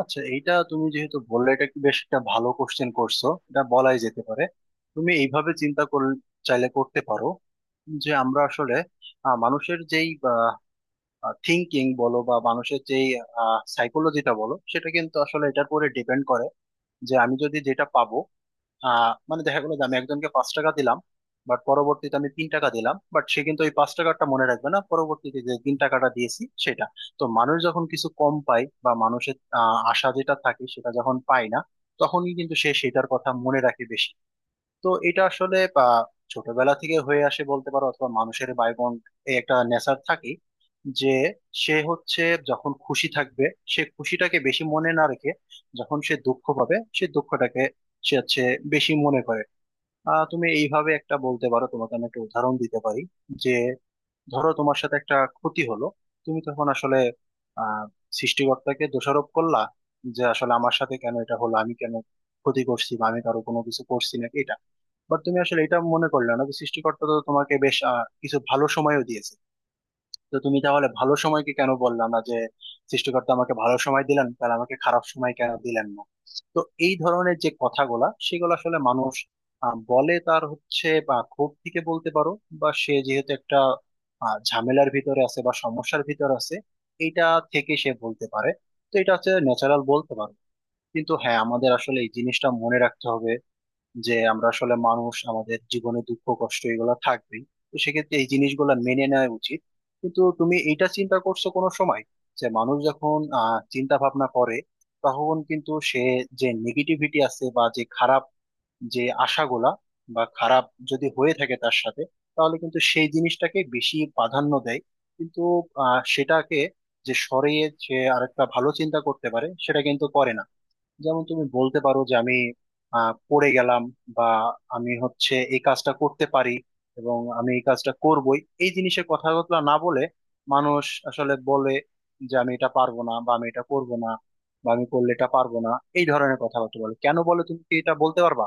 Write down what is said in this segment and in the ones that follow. আচ্ছা, এইটা তুমি যেহেতু বললে, এটা কি বেশ একটা ভালো কোশ্চেন করছো, এটা বলাই যেতে পারে। তুমি এইভাবে চিন্তা করলে চাইলে করতে পারো যে আমরা আসলে মানুষের যেই থিঙ্কিং বলো বা মানুষের যেই সাইকোলজিটা বলো, সেটা কিন্তু আসলে এটার উপরে ডিপেন্ড করে। যে আমি যদি যেটা পাবো, মানে দেখা গেলো যে আমি একজনকে 5 টাকা দিলাম, বাট পরবর্তীতে আমি 3 টাকা দিলাম, বাট সে কিন্তু ওই 5 টাকাটা মনে রাখবে না, পরবর্তীতে যে 3 টাকাটা দিয়েছি সেটা। তো মানুষ যখন কিছু কম পায় বা মানুষের আশা যেটা থাকে সেটা যখন পায় না, তখনই কিন্তু সে সেটার কথা মনে রাখে বেশি। তো এটা আসলে ছোটবেলা থেকে হয়ে আসে বলতে পারো, অথবা মানুষের বায়বন এই একটা নেচার থাকে, যে সে হচ্ছে যখন খুশি থাকবে, সে খুশিটাকে বেশি মনে না রেখে, যখন সে দুঃখ পাবে সে দুঃখটাকে সে হচ্ছে বেশি মনে করে। তুমি এইভাবে একটা বলতে পারো, তোমাকে আমি একটা উদাহরণ দিতে পারি। যে ধরো তোমার সাথে একটা ক্ষতি হলো, তুমি তখন আসলে আহ সৃষ্টিকর্তাকে দোষারোপ করলা, যে আসলে আমার সাথে কেন এটা হলো, আমি কেন ক্ষতি করছি, বা আমি কারো কোনো কিছু করছি না এটা। বাট তুমি আসলে এটা মনে করলে না যে সৃষ্টিকর্তা তো তোমাকে বেশ কিছু ভালো সময়ও দিয়েছে। তো তুমি তাহলে ভালো সময়কে কেন বললা না যে সৃষ্টিকর্তা আমাকে ভালো সময় দিলেন, তাহলে আমাকে খারাপ সময় কেন দিলেন না। তো এই ধরনের যে কথাগুলা, সেগুলো আসলে মানুষ বলে, তার হচ্ছে বা ক্ষোভ থেকে বলতে পারো, বা সে যেহেতু একটা ঝামেলার ভিতরে আছে বা সমস্যার ভিতরে আছে, এটা থেকে সে বলতে পারে। তো এটা হচ্ছে ন্যাচারাল বলতে পারো। কিন্তু হ্যাঁ, আমাদের আসলে এই জিনিসটা মনে রাখতে হবে যে আমরা আসলে মানুষ, আমাদের জীবনে দুঃখ কষ্ট এগুলো থাকবেই। তো সেক্ষেত্রে এই জিনিসগুলো মেনে নেওয়া উচিত। কিন্তু তুমি এইটা চিন্তা করছো কোনো সময়, যে মানুষ যখন চিন্তা ভাবনা করে, তখন কিন্তু সে যে নেগেটিভিটি আছে বা যে খারাপ যে আশাগুলা বা খারাপ যদি হয়ে থাকে তার সাথে, তাহলে কিন্তু সেই জিনিসটাকে বেশি প্রাধান্য দেয়। কিন্তু সেটাকে যে সরিয়ে সে আরেকটা ভালো চিন্তা করতে পারে, সেটা কিন্তু করে না। যেমন তুমি বলতে পারো যে আমি পড়ে গেলাম বা আমি হচ্ছে এই কাজটা করতে পারি এবং আমি এই কাজটা করবই, এই জিনিসের কথাগুলো না বলে মানুষ আসলে বলে যে আমি এটা পারবো না বা আমি এটা করবো না বা আমি করলে এটা পারবো না। এই ধরনের কথাবার্তা বলে, কেন বলে তুমি কি এটা বলতে পারবা?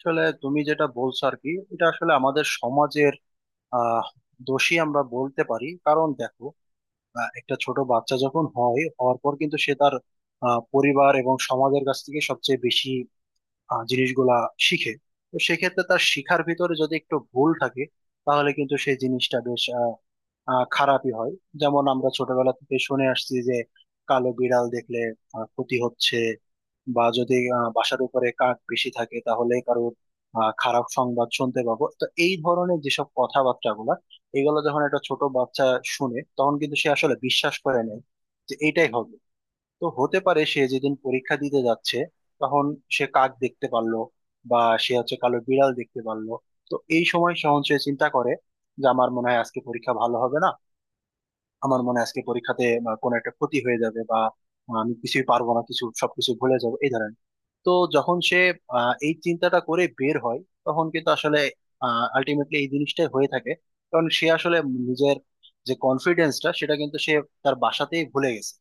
আসলে তুমি যেটা বলছো আর কি, এটা আসলে আমাদের সমাজের আহ দোষী আমরা বলতে পারি। কারণ দেখো, একটা ছোট বাচ্চা যখন হয়, হওয়ার পর কিন্তু সে তার পরিবার এবং সমাজের কাছ থেকে সবচেয়ে বেশি জিনিসগুলা শিখে। তো সেক্ষেত্রে তার শিখার ভিতরে যদি একটু ভুল থাকে, তাহলে কিন্তু সেই জিনিসটা বেশ আহ, আহ, খারাপই হয়। যেমন আমরা ছোটবেলা থেকে শুনে আসছি যে কালো বিড়াল দেখলে ক্ষতি হচ্ছে, বা যদি বাসার উপরে কাক বেশি থাকে তাহলে কারোর খারাপ সংবাদ শুনতে পাবো। তো এই ধরনের যেসব কথাবার্তাগুলা, এগুলো যখন একটা ছোট বাচ্চা শুনে, তখন কিন্তু সে আসলে বিশ্বাস করে নেয় যে এইটাই হবে। তো হতে পারে সে যেদিন পরীক্ষা দিতে যাচ্ছে, তখন সে কাক দেখতে পারলো বা সে হচ্ছে কালো বিড়াল দেখতে পারলো। তো এই সময় সহন সে চিন্তা করে যে আমার মনে হয় আজকে পরীক্ষা ভালো হবে না, আমার মনে হয় আজকে পরীক্ষাতে কোনো একটা ক্ষতি হয়ে যাবে, বা আমি কিছুই পারবো না, কিছু সবকিছু ভুলে যাবো এই ধরনের। তো যখন সে এই চিন্তাটা করে বের হয়, তখন কিন্তু আসলে আলটিমেটলি এই জিনিসটাই হয়ে থাকে। কারণ সে আসলে নিজের যে কনফিডেন্সটা সেটা কিন্তু সে তার বাসাতেই ভুলে গেছে।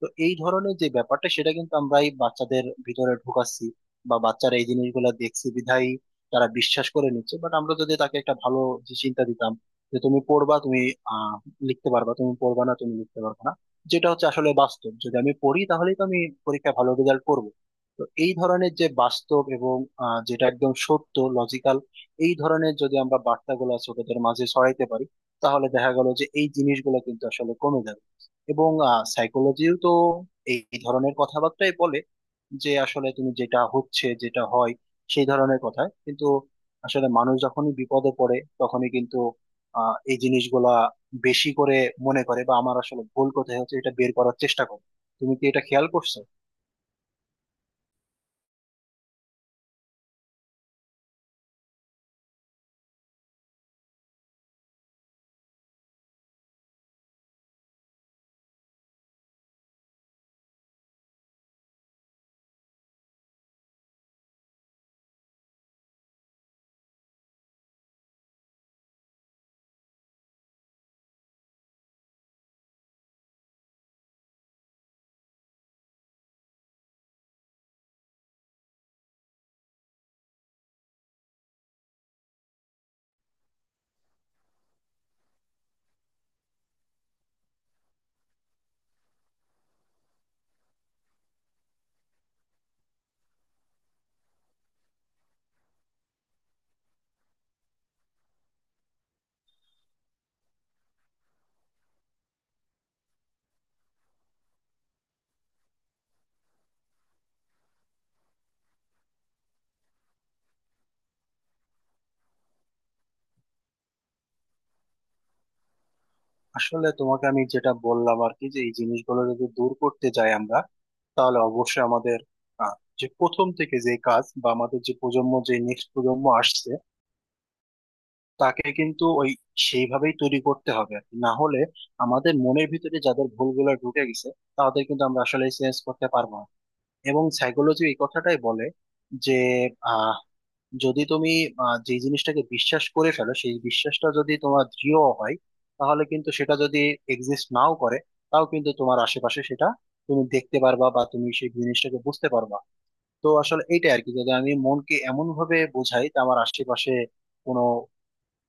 তো এই ধরনের যে ব্যাপারটা, সেটা কিন্তু আমরা এই বাচ্চাদের ভিতরে ঢুকাচ্ছি, বা বাচ্চারা এই জিনিসগুলো দেখছে বিধায় তারা বিশ্বাস করে নিচ্ছে। বাট আমরা যদি তাকে একটা ভালো যে চিন্তা দিতাম, যে তুমি পড়বা, তুমি আহ লিখতে পারবা, তুমি পড়বা না তুমি লিখতে পারবা না, যেটা হচ্ছে আসলে বাস্তব, যদি আমি পড়ি তাহলেই তো আমি পরীক্ষায় ভালো রেজাল্ট করবো। তো এই ধরনের যে বাস্তব এবং যেটা একদম সত্য লজিক্যাল, এই ধরনের যদি আমরা বার্তাগুলো ছোটদের মাঝে ছড়াইতে পারি, তাহলে দেখা গেল যে এই জিনিসগুলো কিন্তু আসলে কমে যাবে। এবং সাইকোলজিও তো এই এই ধরনের কথাবার্তাই বলে যে আসলে তুমি যেটা হচ্ছে যেটা হয় সেই ধরনের কথা কিন্তু আসলে মানুষ যখনই বিপদে পড়ে, তখনই কিন্তু এই জিনিসগুলা বেশি করে মনে করে, বা আমার আসলে ভুল কোথায় হচ্ছে এটা বের করার চেষ্টা করে। তুমি কি এটা খেয়াল করছো? আসলে তোমাকে আমি যেটা বললাম আর কি, যে এই জিনিসগুলো যদি দূর করতে যাই আমরা, তাহলে অবশ্যই আমাদের আহ, যে প্রথম থেকে যে কাজ, বা আমাদের যে প্রজন্ম, যে নেক্সট প্রজন্ম আসছে, তাকে কিন্তু ওই সেইভাবেই তৈরি করতে হবে আর কি। না হলে আমাদের মনের ভিতরে যাদের ভুলগুলো ঢুকে গেছে, তাদের কিন্তু আমরা আসলে চেঞ্জ করতে পারবো না। এবং সাইকোলজি এই কথাটাই বলে যে আহ যদি তুমি যে জিনিসটাকে বিশ্বাস করে ফেলো, সেই বিশ্বাসটা যদি তোমার দৃঢ় হয়, তাহলে কিন্তু সেটা যদি এক্সিস্ট নাও করে, তাও কিন্তু তোমার আশেপাশে সেটা তুমি দেখতে পারবা বা তুমি সেই জিনিসটাকে বুঝতে পারবা। তো আসলে এইটাই আর কি, যদি আমি মনকে এমন ভাবে বোঝাই যে আমার আশেপাশে কোনো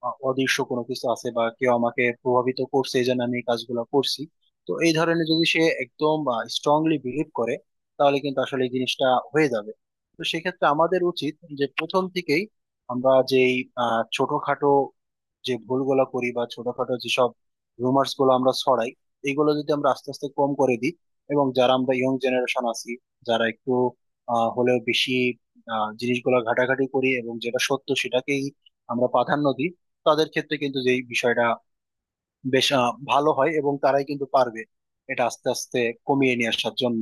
অদৃশ্য কোনো কিছু আছে বা কেউ আমাকে প্রভাবিত করছে, এই জন্য আমি এই কাজগুলো করছি, তো এই ধরনের যদি সে একদম স্ট্রংলি বিলিভ করে, তাহলে কিন্তু আসলে এই জিনিসটা হয়ে যাবে। তো সেক্ষেত্রে আমাদের উচিত যে প্রথম থেকেই আমরা যেই ছোটখাটো যে ভুলগুলো করি, বা ছোটখাটো যেসব রুমার্স গুলো আমরা ছড়াই, এইগুলো যদি আমরা আস্তে আস্তে কম করে দিই, এবং যারা আমরা ইয়ং জেনারেশন আছি, যারা একটু হলেও বেশি জিনিসগুলো ঘাটাঘাটি করি এবং যেটা সত্য সেটাকেই আমরা প্রাধান্য দিই, তাদের ক্ষেত্রে কিন্তু যে বিষয়টা বেশ ভালো হয়, এবং তারাই কিন্তু পারবে এটা আস্তে আস্তে কমিয়ে নিয়ে আসার জন্য।